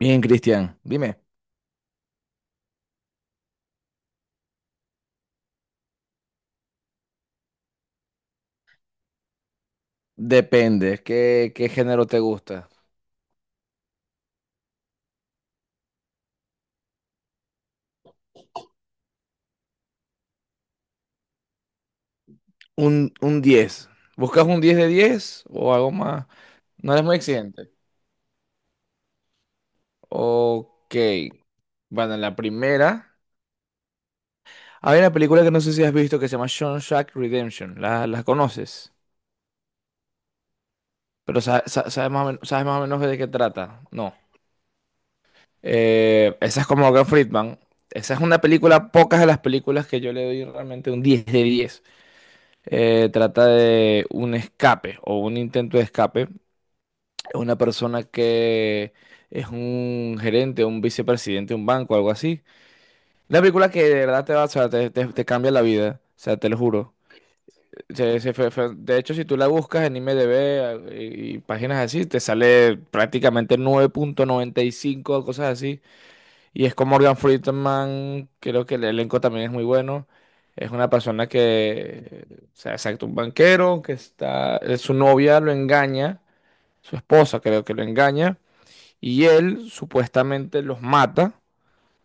Bien, Cristian, dime, depende, ¿qué género te gusta? Un 10. ¿Buscas un 10 de diez o algo más? No eres muy exigente. Ok. Bueno, la primera. Hay una película que no sé si has visto que se llama Shawshank Redemption. ¿La conoces? Pero sabes más o sabes más o menos de qué trata. No. Esa es como Morgan Friedman. Esa es una película, pocas de las películas que yo le doy realmente un 10 de 10. Trata de un escape o un intento de escape. Una persona que es un gerente, un vicepresidente de un banco, algo así. Una película que de verdad te va, o sea, te cambia la vida, o sea, te lo juro. De hecho, si tú la buscas en IMDb y páginas así, te sale prácticamente 9.95 o cosas así. Y es con Morgan Freeman, creo que el elenco también es muy bueno. Es una persona que, o sea, exacto, un banquero que está, su novia lo engaña, su esposa creo que lo engaña, y él supuestamente los mata,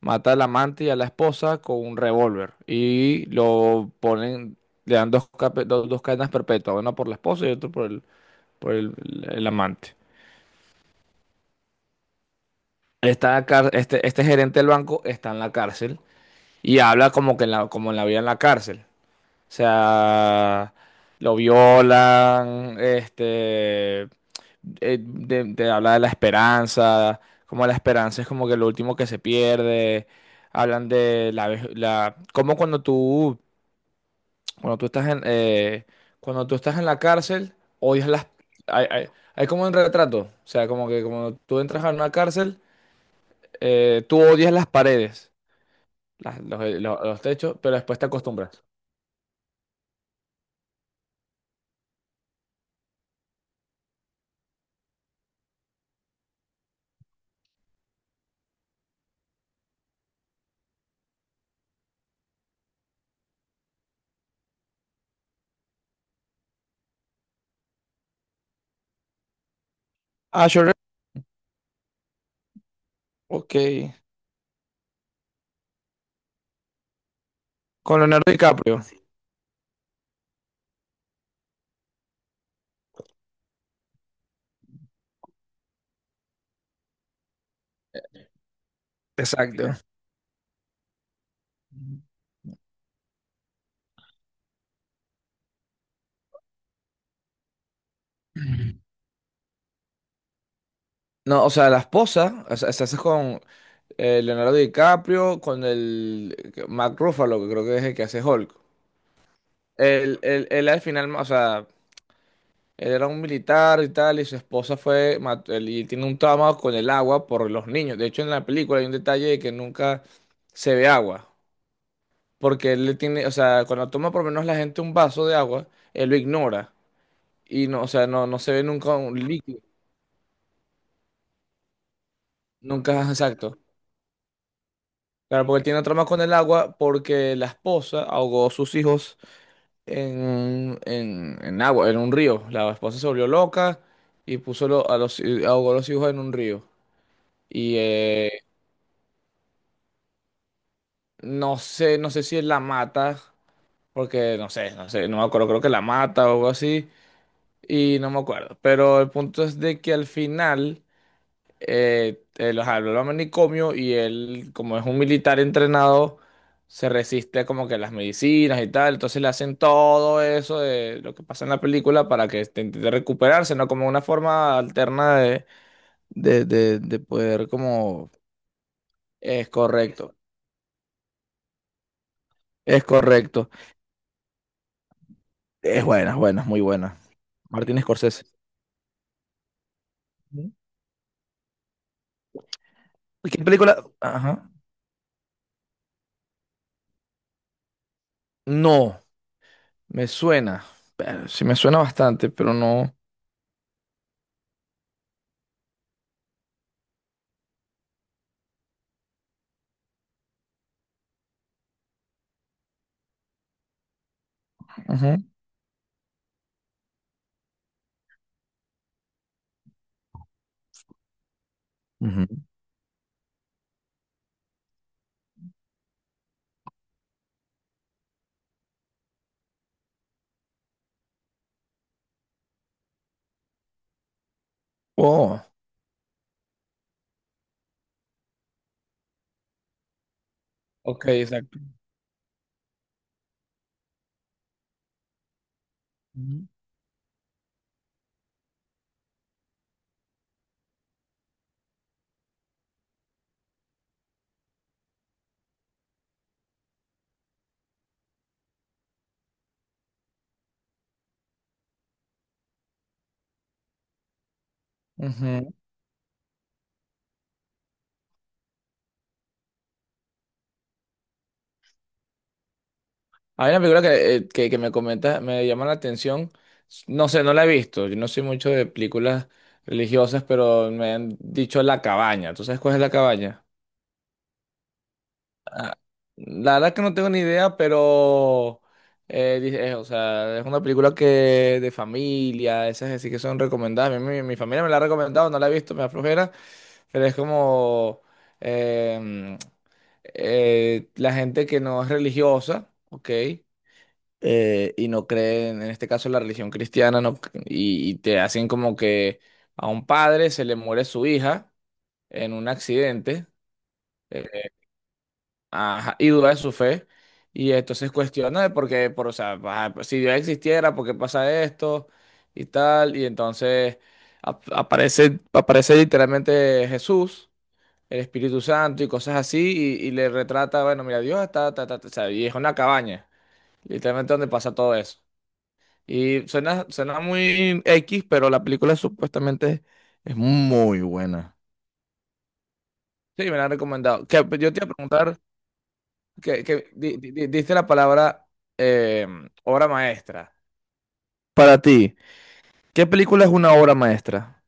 mata al amante y a la esposa con un revólver y lo ponen, le dan dos, dos cadenas perpetuas, una por la esposa y otra por el amante. Está, este, este gerente del banco está en la cárcel. Y habla como que en la, como en la vida en la cárcel. O sea, lo violan, este, te habla de la esperanza, como la esperanza es como que lo último que se pierde. Hablan de la, la, como cuando tú estás en, cuando tú estás en la cárcel, odias las, hay, hay- hay como un retrato. O sea, como que cuando tú entras a una cárcel, tú odias las paredes, los techos, pero después te acostumbras. Ah, Shore- ok. Con Leonardo DiCaprio. Sí, exacto. No, o sea, la esposa, o sea, se hace con Leonardo DiCaprio, con el Mark Ruffalo, que creo que es el que hace Hulk. Él al final, o sea, él era un militar y tal, y su esposa fue, y tiene un trauma con el agua por los niños. De hecho, en la película hay un detalle de que nunca se ve agua, porque él le tiene, o sea, cuando toma por lo menos la gente un vaso de agua, él lo ignora, y no, o sea, no, no se ve nunca un líquido, nunca es exacto. Claro, porque él tiene trama con el agua porque la esposa ahogó a sus hijos en agua, en un río. La esposa se volvió loca y puso a los, ahogó a los hijos en un río. Y no sé, no sé si él la mata, porque no sé, no sé, no me acuerdo, creo que la mata o algo así, y no me acuerdo. Pero el punto es de que al final él, ajá, lo manicomio y él, como es un militar entrenado, se resiste como que a las medicinas y tal. Entonces le hacen todo eso de lo que pasa en la película para que este, intente recuperarse, ¿no? Como una forma alterna de, de poder como... Es correcto, es correcto. Es buena, es buena, es muy buena. Martín Scorsese. Ujú. ¿Qué película? Ajá. No, me suena. Pero sí me suena bastante, pero no. Ujú, ujú. Oh. Ok, exacto. Ujú. Ujú. Hay una película que me comenta, me llama la atención. No sé, no la he visto. Yo no soy mucho de películas religiosas, pero me han dicho La Cabaña. ¿Tú sabes cuál es La Cabaña? Ah, la verdad que no tengo ni idea, pero o sea, es una película que de familia, esas así que son recomendadas. Mi familia me la ha recomendado, no la he visto, me da flojera, pero es como em, la gente que no es religiosa, ¿ok? Y no cree, en este caso, la religión cristiana, no, y te hacen como que a un padre se le muere su hija en un accidente. eh, Ajá, y duda de su fe. Y entonces cuestiona de por qué, por, o sea, ah, pues, si Dios existiera, ¿por qué pasa esto? Y tal. Y entonces aparece, aparece literalmente Jesús, el Espíritu Santo y cosas así. Y le retrata, bueno, mira, Dios está, ta, ta, ta, o sea, y es una cabaña, literalmente donde pasa todo eso. Y suena, suena muy X, pero la película supuestamente es muy buena. Sí, me la han recomendado. Que, pues, yo te iba a preguntar. Que diste la palabra eh, obra maestra. Para ti, ¿qué película es una obra maestra?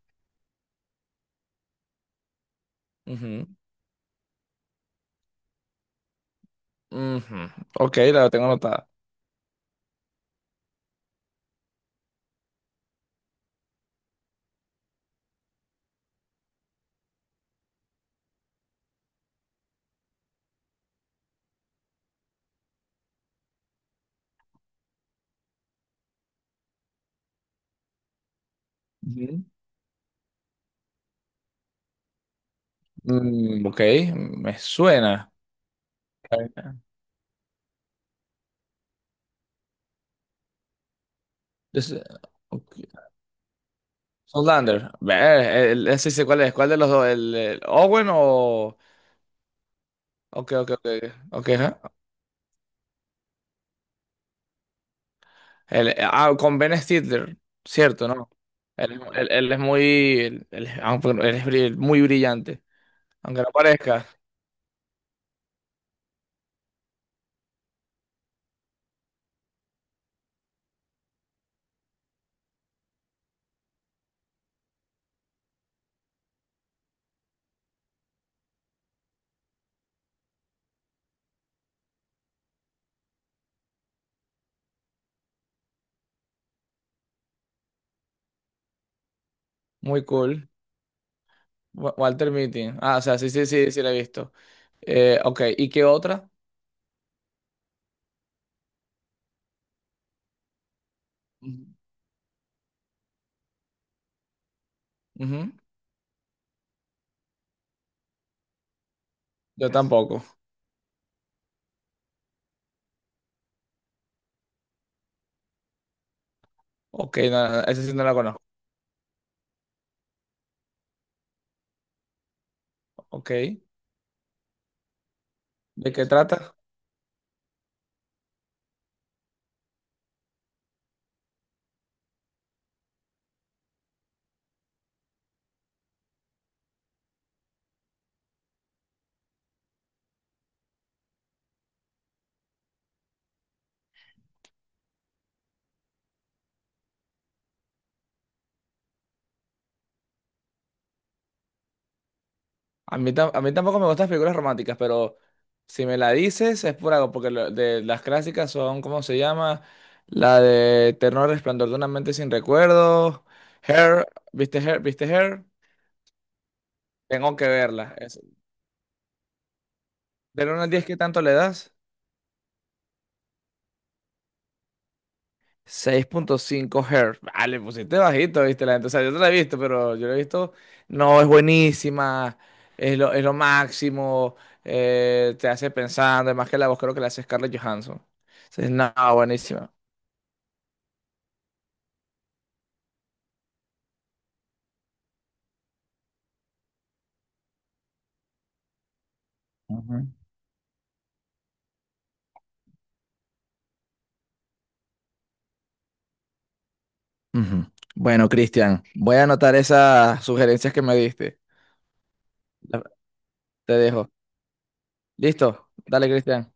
Ujú, ujú. Ok, la tengo anotada. Ujú. Mm, ok, me suena. Es- eh, ok. Zoolander. Ver, ese sé cuál es. ¿Cuál de los dos? El Owen o...? Ok, ok, ok. Ok, ajá. Ah, con Ben Stiller. Cierto, ¿no? Él, es él es muy... Él es aunque él es muy brillante. Aunque no parezca. Muy cool. Wa- Walter Mitty. Ah, o sea, sí, sí, sí, sí la he visto. Ok, ¿y qué otra? Ujú. Ujú. Yo tampoco. Ok, no, no, esa sí no la conozco. Ok. ¿De qué trata? A mí, a mí tampoco me gustan las películas románticas, pero si me la dices es por algo, porque de las clásicas son, ¿cómo se llama? La de Eterno Resplandor de una mente sin recuerdos. Hair, ¿viste Hair? ¿Viste Hair? Tengo que verla. Es- del 1 al 10, ¿qué tanto le das? 6.5 Hz. Ah, le pusiste bajito, viste la gente. O sea, yo no la he visto, pero yo la he visto. No, es buenísima. Es lo máximo. Te hace pensando. Además que la voz creo que la hace Scarlett Johansson. Entonces, no, buenísima. Ujú. Ujú. Bueno, Cristian, voy a anotar esas sugerencias que me diste. La- te dejo. ¿Listo? Dale, Cristian.